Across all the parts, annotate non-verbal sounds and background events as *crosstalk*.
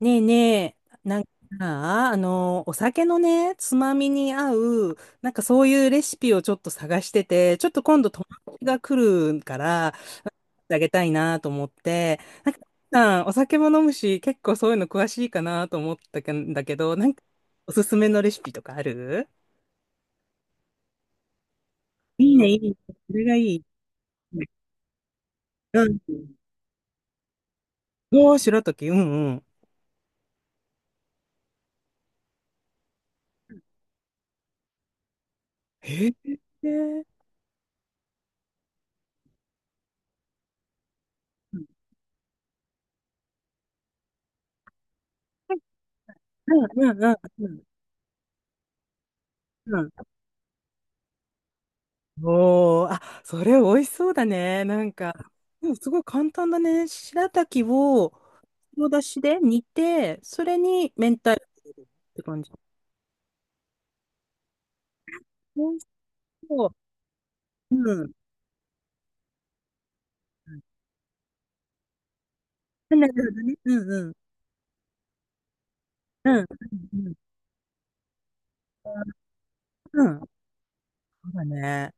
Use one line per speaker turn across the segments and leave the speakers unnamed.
ねえねえ、なんかさ、あの、お酒のね、つまみに合う、なんかそういうレシピをちょっと探してて、ちょっと今度友達が来るから、あげたいなと思って、さんお酒も飲むし、結構そういうの詳しいかなと思ったんだけど、おすすめのレシピとかある？いいね、いいね。それがいい。うん。どうしろとき、うんうん。へえ。うんうんうんうん。おー、あ、それ美味しそうだね。でもすごい簡単だね。白滝を、の出汁で煮て、それに明太子入れるって感じ。美味しそう。うん。うん、なるほどね。うんうん。うん。うん。うん。うん、そうだね。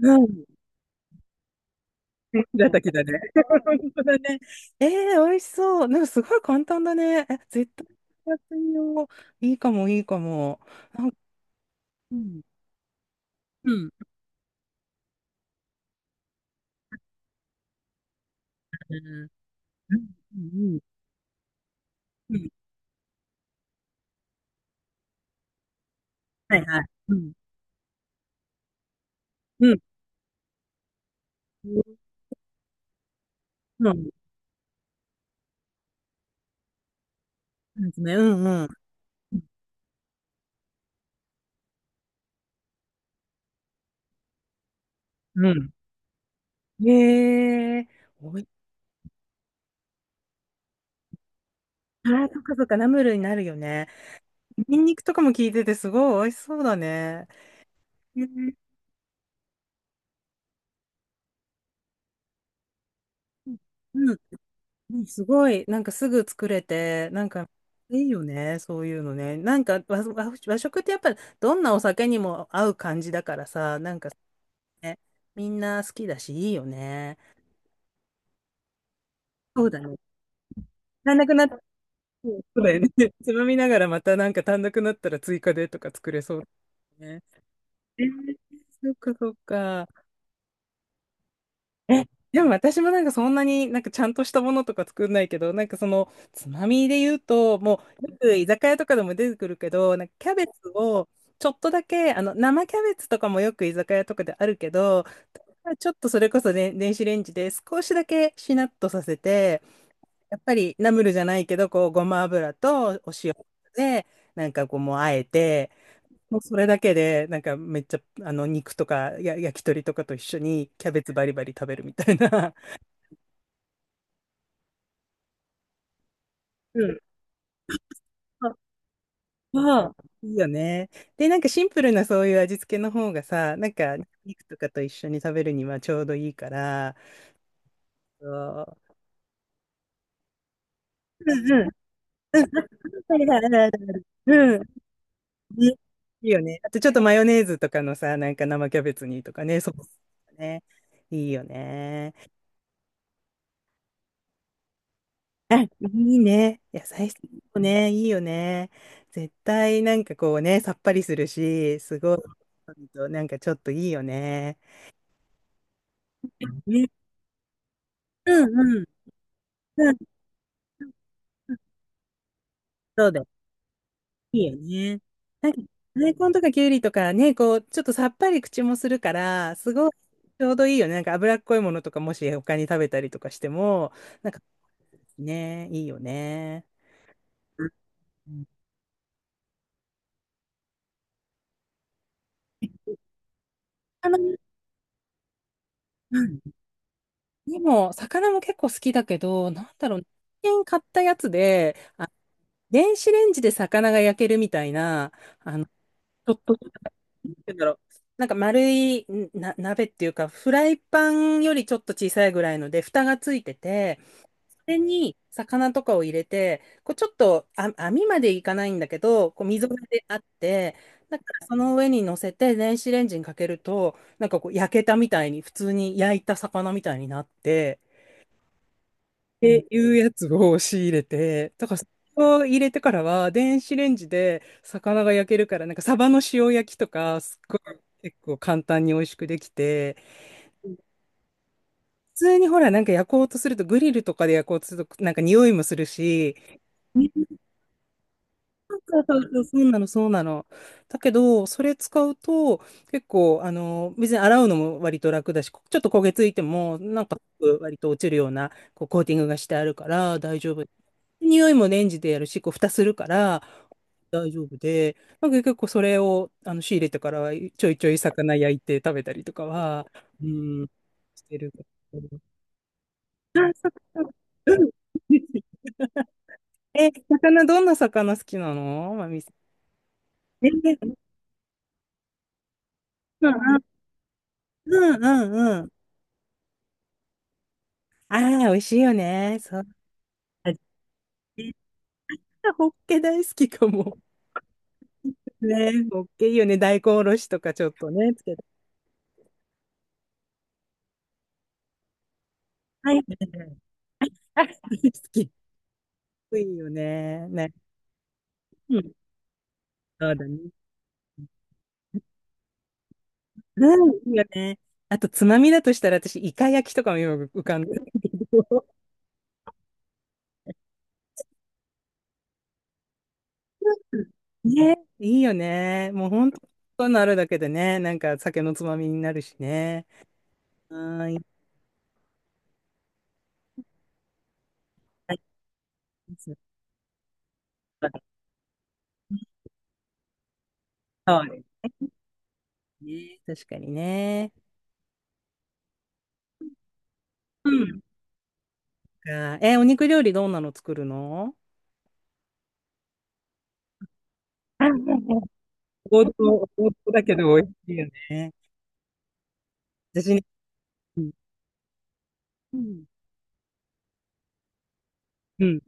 うん。白滝だね。*laughs* 本当だね。えー、美味しそう。なんかすごい簡単だね。え、絶対やってみよう。いいかも、いいかも。なんか、うん。うん。うん。うん。うん。はいはい。うん。うん。そうなんですね。うんうん。うん。へえ。おい、ああ、そっかそっか、ナムルになるよね。ニンニクとかも効いてて、すごい美味しそうだね。へえ、うん。うんすごい、すぐ作れて、いいよね、そういうのね。和和食ってやっぱ、どんなお酒にも合う感じだからさ、ね、みんな好きだし、いいよね。そうだね。足らなくなっそうだよね。*laughs* つまみながらまたなんか単独になったら追加でとか作れそうだね。えー、そっかそっか。え、でも私もなんかそんなにちゃんとしたものとか作んないけど、なんかそのつまみで言うと、もうよく居酒屋とかでも出てくるけど、なんかキャベツをちょっとだけ、あの生キャベツとかもよく居酒屋とかであるけど、ちょっとそれこそね、電子レンジで少しだけしなっとさせて、やっぱりナムルじゃないけど、こう、ごま油とお塩で、なんかこう、もうあえて、もうそれだけで、めっちゃ、肉とかや、焼き鳥とかと一緒にキャベツバリバリ食べるみたいな。*laughs* うん。あ、まあ、いいよね。で、なんかシンプルなそういう味付けの方がさ、肉とかと一緒に食べるにはちょうどいいから、そう。うんうん。あるあるあるあるうんうんいいよね。あとちょっとマヨネーズとかのさ、なんか生キャベツにとかね、そうね。いいよね。あ、いいね。野菜室もね、いいよね。絶対なんかこうね、さっぱりするし、すごい、ちょっといいよね。ね、うんうん。うん。そうだ、いいよね。なんか、大根とかきゅうりとかね、こう、ちょっとさっぱり口もするから、すごいちょうどいいよね。なんか脂っこいものとかもし他に食べたりとかしても、なんかね、いいよね。うん、魚、うん、でも、魚も結構好きだけど、なんだろう、最近買ったやつで、あ、電子レンジで魚が焼けるみたいな、ちょっと、なんて言うんだろう、なんか丸いんな、鍋っていうか、フライパンよりちょっと小さいぐらいので、蓋がついてて、れに魚とかを入れて、こうちょっとあ網までいかないんだけど、こう溝がであって、だからその上に乗せて電子レンジにかけると、なんかこう焼けたみたいに、普通に焼いた魚みたいになって、っていうやつを仕入れて、だからそれを入れてからは電子レンジで魚が焼けるから、なんかサバの塩焼きとか、すっごい結構簡単に美味しくできて、普通にほら、なんか焼こうとすると、グリルとかで焼こうとすると、なんか匂いもするし、そうそうそう、そうなの、そうなの。だけど、それ使うと、結構、別に洗うのも割と楽だし、ちょっと焦げついても、割と落ちるような、こう、コーティングがしてあるから大丈夫。匂いもレンジでやるし、こう、蓋するから、大丈夫で、なんか結構それを、仕入れてからは、ちょいちょい魚焼いて食べたりとかは、うん、してる。 *laughs* え、魚、どんな魚好きなの、まみさん？え、うんうんうんうん。ああ、美味しいよね。そう。あ、実はホッケ大好きかも。ね、ホッケいいよね。大根おろしとかちょっとね、つけて。はい。あ、好き。いいよね。ね。うん。そうだね。うん、いいよね。あと、つまみだとしたら、私、イカ焼きとかもよく浮かんでる。*laughs* ね、いいよね。もう本当、そういうのあるだけでね、なんか酒のつまみになるしね。うーん、いっぱいありますそうですね。確かにね。うんか。え、お肉料理どんなの作るの？おん、王道、王道だけど美味しいよね。私ね、うん。うんうん。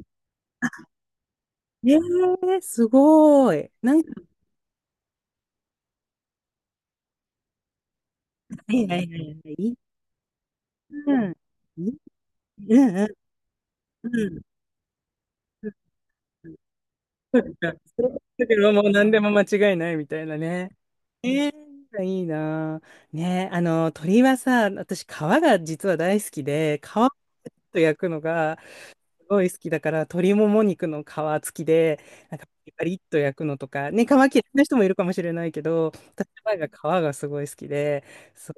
えー、すごい。はいはいはいはい。いいな。うんうんうん。そっか。それだけどもう何でも間違いないみたいなね。えー、いいなぁ。ね、鶏はさ、私、皮が実は大好きで、皮をちょっと焼くのが、ごい好きだから、鶏もも肉の皮付きで、なんかパリッと焼くのとか、ね、皮嫌いな人もいるかもしれないけど、私の前が皮がすごい好きで、そ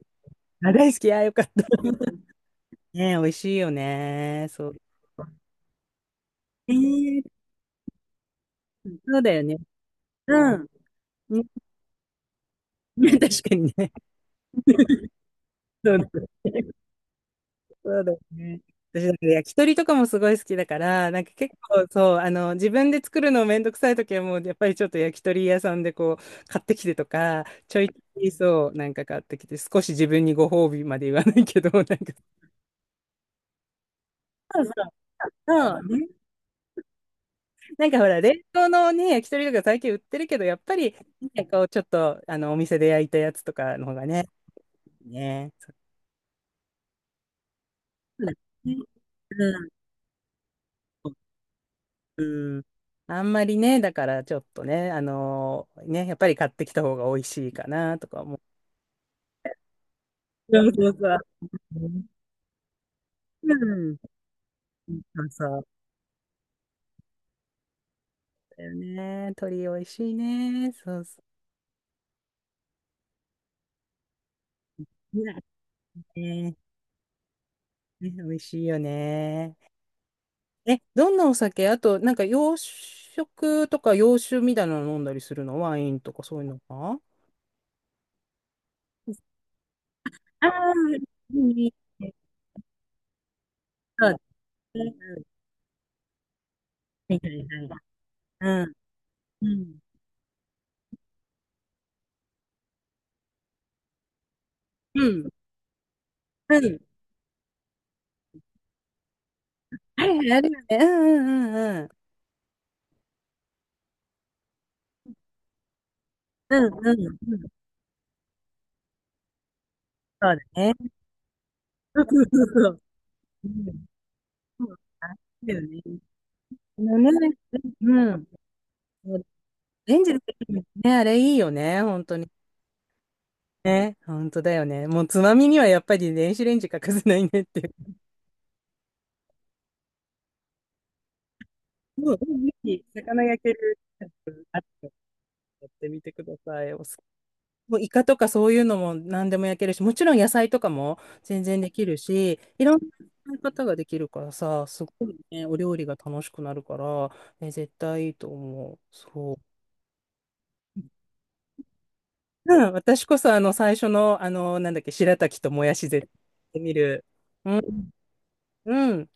う、あ、大好き、あ、よかった。ね、美味しいよね。そう。えー、そうだよね。うん。*laughs* ね、確かにね。そうね、そうだね。私、なんから焼き鳥とかもすごい好きだから、なんか結構そう、自分で作るのめんどくさい時はもう、やっぱりちょっと焼き鳥屋さんでこう、買ってきてとか、ちょいちょいそう、なんか買ってきて、少し自分にご褒美まで言わないけど、*laughs* そうそうそうね、なんかほら、冷凍のね、焼き鳥とか最近売ってるけど、やっぱり、なんかこう、ちょっと、お店で焼いたやつとかの方がね、ね。そうだね、うん。あんまりね、だからちょっとね、ね、やっぱり買ってきた方が美味しいかなとか思う。そうそうそう。うん、そうそうだよね。鶏美味しいね。そうそう。ね、ね、美味しいよね。え、どんなお酒あと、なんか洋食とか洋酒みたいなの飲んだりするの？ワインとかそういうのか？ああー、いいね。そうだね。はいはいはい。うん。うん。うん。うん。あるよあるよね。うんうんうんうん。うんうんうん。そうだね。そうそうそうう。うん。そうだよね。あのね、うん。もうレンジでできるね、あれいいよね、本当にね。本当だよね。もうつまみにはやっぱり電子レンジ欠かせないねっていう。もう、ぜひ、魚焼ける。やってみてください。おす、もうイカとかそういうのも何でも焼けるし、もちろん野菜とかも全然できるし、いろんな使い方ができるからさ、すごいね、お料理が楽しくなるから、ね、絶対いいと思う。そう。うん、私こそあの最初の、なんだっけ、白滝ともやし絶対やってみる。うん、うん。